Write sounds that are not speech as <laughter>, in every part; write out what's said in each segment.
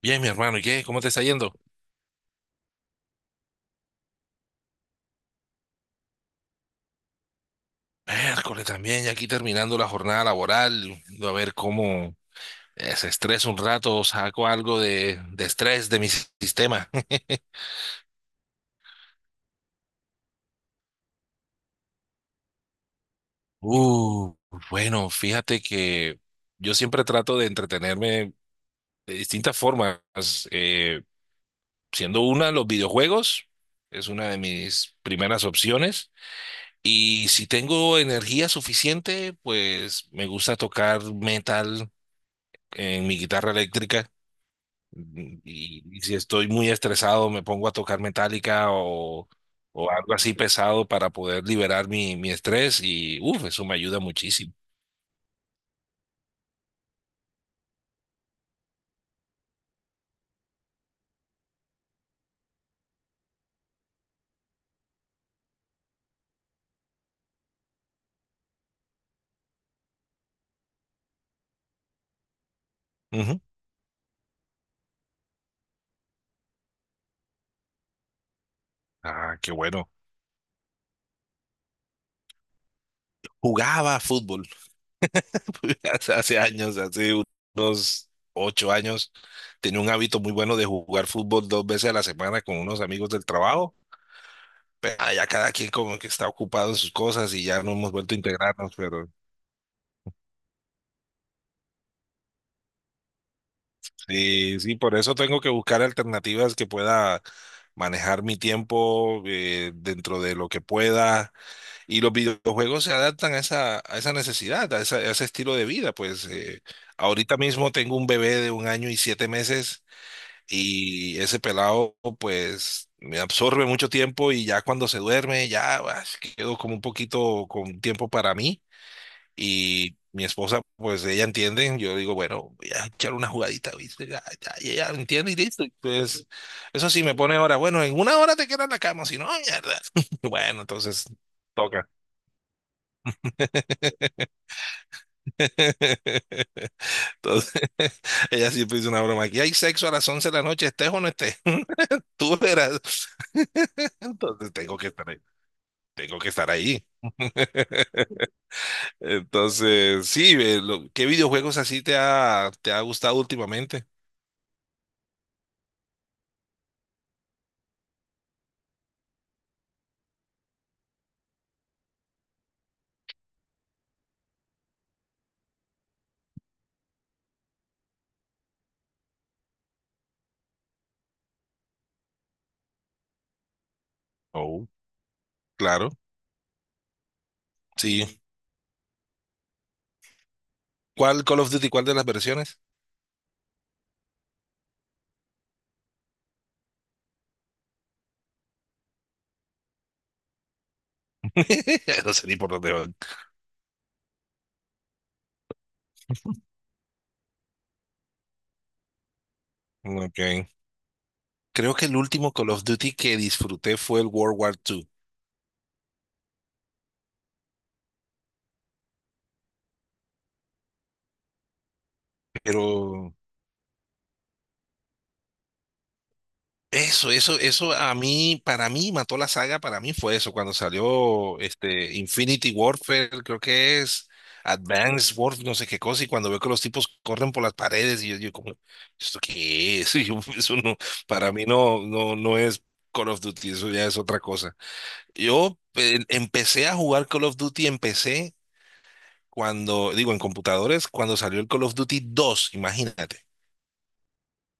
Bien, mi hermano, ¿y qué? ¿Cómo te está yendo? Miércoles también, ya aquí terminando la jornada laboral, a ver cómo se estresa un rato, saco algo de estrés de mi sistema. <laughs> Uh, bueno, fíjate que yo siempre trato de entretenerme de distintas formas, eh, siendo una los videojuegos, es una de mis primeras opciones, y si tengo energía suficiente, pues me gusta tocar metal en mi guitarra eléctrica. Y si estoy muy estresado, me pongo a tocar metallica o algo así pesado para poder liberar mi estrés y, uff, eso me ayuda muchísimo. Ujú. Ah, qué bueno. Jugaba fútbol. <laughs> Hace años, hace unos 8 años, tenía un hábito muy bueno de jugar fútbol 2 veces a la semana con unos amigos del trabajo. Pero ya cada quien como que está ocupado en sus cosas y ya no hemos vuelto a integrarnos, pero sí, sí, por eso tengo que buscar alternativas que pueda manejar mi tiempo dentro de lo que pueda. Y los videojuegos se adaptan a a esa necesidad, a ese estilo de vida. Pues ahorita mismo tengo un bebé de 1 año y 7 meses. Y ese pelado, pues, me absorbe mucho tiempo y ya cuando se duerme, ya quedo como un poquito con tiempo para mí. Y mi esposa, pues, ella entiende. Yo digo, bueno, voy a echar una jugadita, ¿viste? Ya, ya, y ella entiende y listo. Y, pues, eso sí, me pone ahora, bueno, en una hora te quedas en la cama, si no, mierda. <laughs> Bueno, entonces, toca. <laughs> Entonces, <laughs> ella siempre dice una broma, aquí hay sexo a las 11 de la noche, estés o no estés, <laughs> tú verás. <laughs> Entonces tengo que estar ahí. Tengo que estar ahí. <laughs> Entonces, sí, ¿qué videojuegos así te te ha gustado últimamente? Oh, claro, sí. ¿Cuál Call of Duty, cuál de las versiones? <laughs> No sé ni por dónde van. Ok. Creo que el último Call of Duty que disfruté fue el World War II, pero eso a mí, para mí mató la saga, para mí fue eso, cuando salió este Infinity Warfare, creo que es Advanced Warfare, no sé qué cosa, y cuando veo que los tipos corren por las paredes, yo como, ¿esto qué es? <laughs> Y yo, eso no, para mí no es Call of Duty, eso ya es otra cosa. Yo empecé a jugar Call of Duty, empecé cuando, digo, en computadores, cuando salió el Call of Duty dos, imagínate.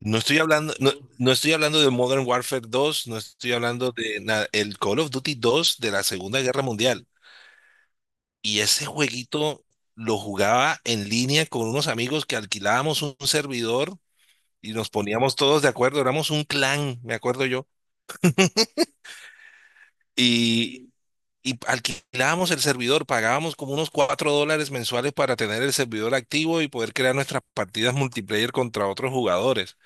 No estoy hablando, no, no estoy hablando de Modern Warfare dos, no estoy hablando de nada, el Call of Duty dos de la Segunda Guerra Mundial. Y ese jueguito lo jugaba en línea con unos amigos que alquilábamos un servidor y nos poníamos todos de acuerdo, éramos un clan, me acuerdo yo. Y y alquilábamos el servidor, pagábamos como unos $4 mensuales para tener el servidor activo y poder crear nuestras partidas multiplayer contra otros jugadores,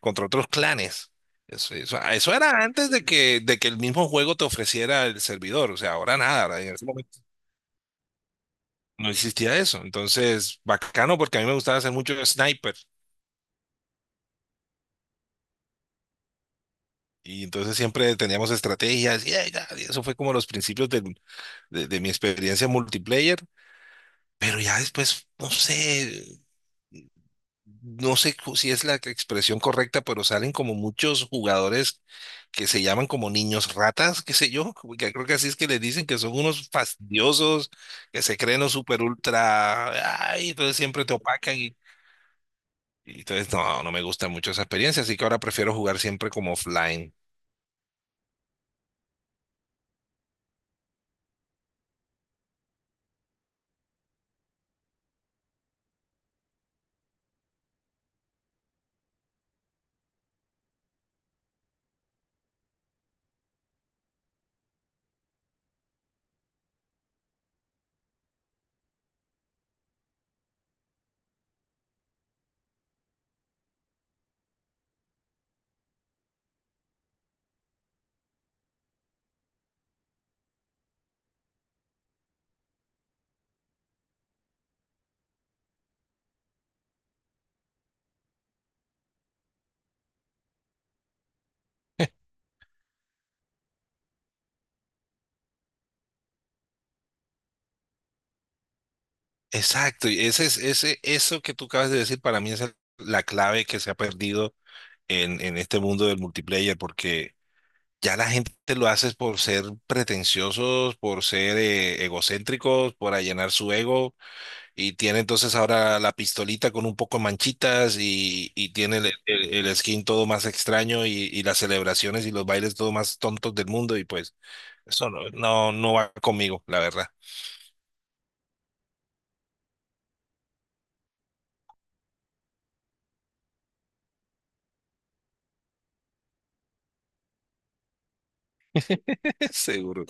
contra otros clanes. Eso era antes de que el mismo juego te ofreciera el servidor, o sea, ahora nada, en ese momento no existía eso. Entonces, bacano porque a mí me gustaba hacer mucho sniper. Y entonces siempre teníamos estrategias y, ay, ya, y eso fue como los principios de mi experiencia multiplayer. Pero ya después, no sé, no sé si es la expresión correcta, pero salen como muchos jugadores que se llaman como niños ratas, qué sé yo, como que creo que así es que les dicen que son unos fastidiosos, que se creen los super ultra, ay, entonces siempre te opacan y entonces, no, no me gusta mucho esa experiencia, así que ahora prefiero jugar siempre como offline. Exacto, y ese es ese, eso que tú acabas de decir para mí es la clave que se ha perdido en este mundo del multiplayer, porque ya la gente lo hace por ser pretenciosos, por ser egocéntricos, por allanar su ego, y tiene entonces ahora la pistolita con un poco de manchitas y tiene el skin todo más extraño y las celebraciones y los bailes todo más tontos del mundo, y pues eso no va conmigo, la verdad. <laughs> Seguro.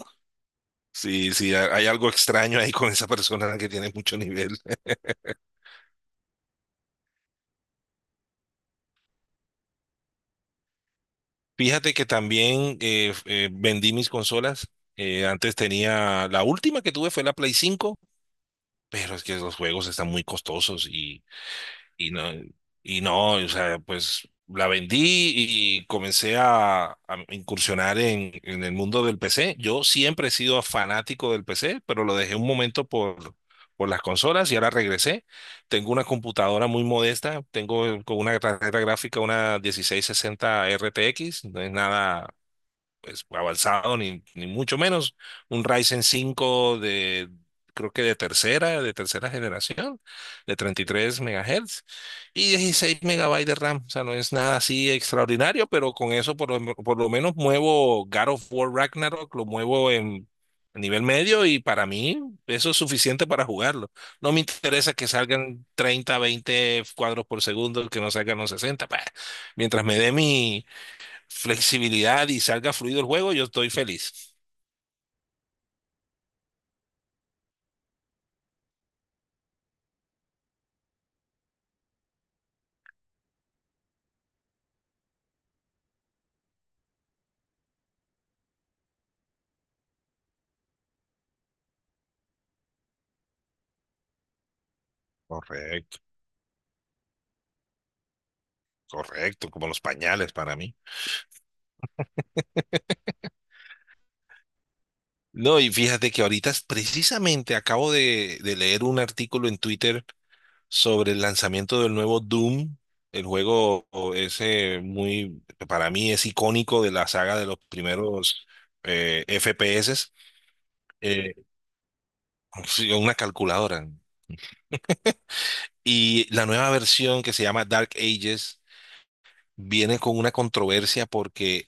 Sí, sí, hay algo extraño ahí con esa persona que tiene mucho nivel. Fíjate que también vendí mis consolas. Antes tenía, la última que tuve fue la Play 5. Pero es que los juegos están muy costosos y no, o sea, pues la vendí y comencé a incursionar en el mundo del PC. Yo siempre he sido fanático del PC, pero lo dejé un momento por las consolas y ahora regresé. Tengo una computadora muy modesta, tengo con una tarjeta gráfica una 1660 RTX, no es nada pues, avanzado, ni mucho menos. Un Ryzen 5 creo que de tercera generación, de 33 MHz y 16 MB de RAM. O sea, no es nada así extraordinario, pero con eso por por lo menos muevo God of War Ragnarok, lo muevo en a nivel medio y para mí eso es suficiente para jugarlo. No me interesa que salgan 30 20 cuadros por segundo, que no salgan los 60. Bah. Mientras me dé mi flexibilidad y salga fluido el juego, yo estoy feliz. Correcto, correcto, como los pañales para mí. No, y fíjate que ahorita precisamente acabo de leer un artículo en Twitter sobre el lanzamiento del nuevo Doom, el juego o ese muy, para mí es icónico de la saga de los primeros FPS, eh, sí, una calculadora. Y la nueva versión que se llama Dark Ages viene con una controversia porque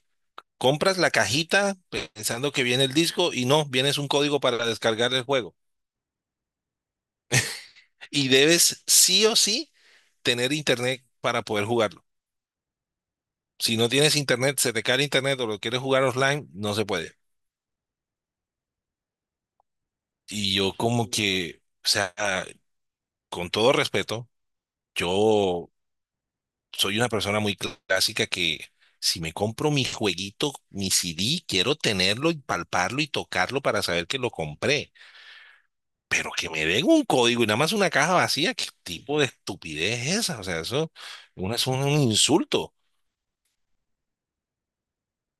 compras la cajita pensando que viene el disco y no, vienes un código para descargar el juego. Y debes sí o sí tener internet para poder jugarlo. Si no tienes internet, se te cae internet o lo quieres jugar offline, no se puede. Y yo como que, o sea, con todo respeto, yo soy una persona muy clásica que si me compro mi jueguito, mi CD, quiero tenerlo y palparlo y tocarlo para saber que lo compré. Pero que me den un código y nada más una caja vacía, ¿qué tipo de estupidez es esa? O sea, eso es un insulto.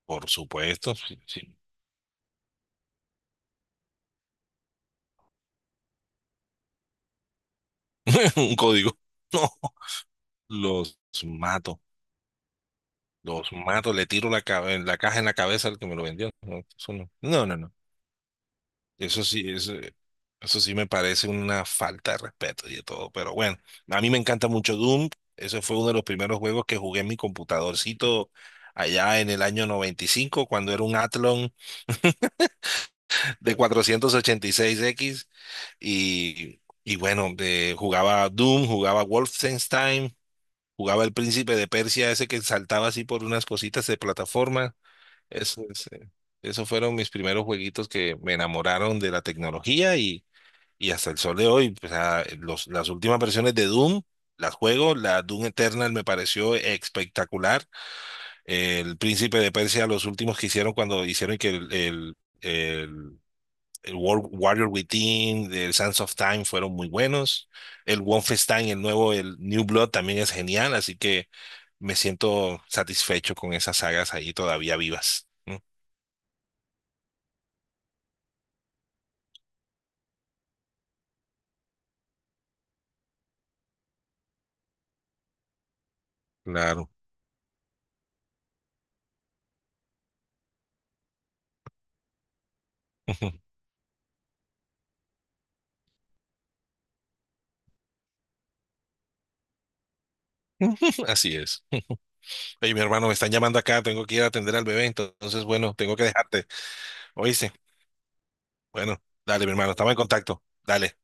Por supuesto, sí, sí. <laughs> Un código. No, los mato, los mato, le tiro la caja en la cabeza al que me lo vendió. No, eso no. Eso sí, eso sí me parece una falta de respeto y de todo. Pero bueno, a mí me encanta mucho Doom. Ese fue uno de los primeros juegos que jugué en mi computadorcito allá en el año 95, cuando era un Athlon de 486 x y bueno, jugaba Doom, jugaba Wolfenstein, jugaba El Príncipe de Persia, ese que saltaba así por unas cositas de plataforma. Eso, es, eh, esos fueron mis primeros jueguitos que me enamoraron de la tecnología y hasta el sol de hoy. O sea, las últimas versiones de Doom las juego, la Doom Eternal me pareció espectacular. El Príncipe de Persia, los últimos que hicieron cuando hicieron que el World Warrior Within, el Sands of Time fueron muy buenos. El Wolfenstein, el nuevo, el New Blood también es genial, así que me siento satisfecho con esas sagas ahí todavía vivas. ¿No? Claro. <laughs> Así es. Oye, mi hermano, me están llamando acá, tengo que ir a atender al bebé, entonces, bueno, tengo que dejarte. Oíste, bueno, dale, mi hermano, estamos en contacto. Dale.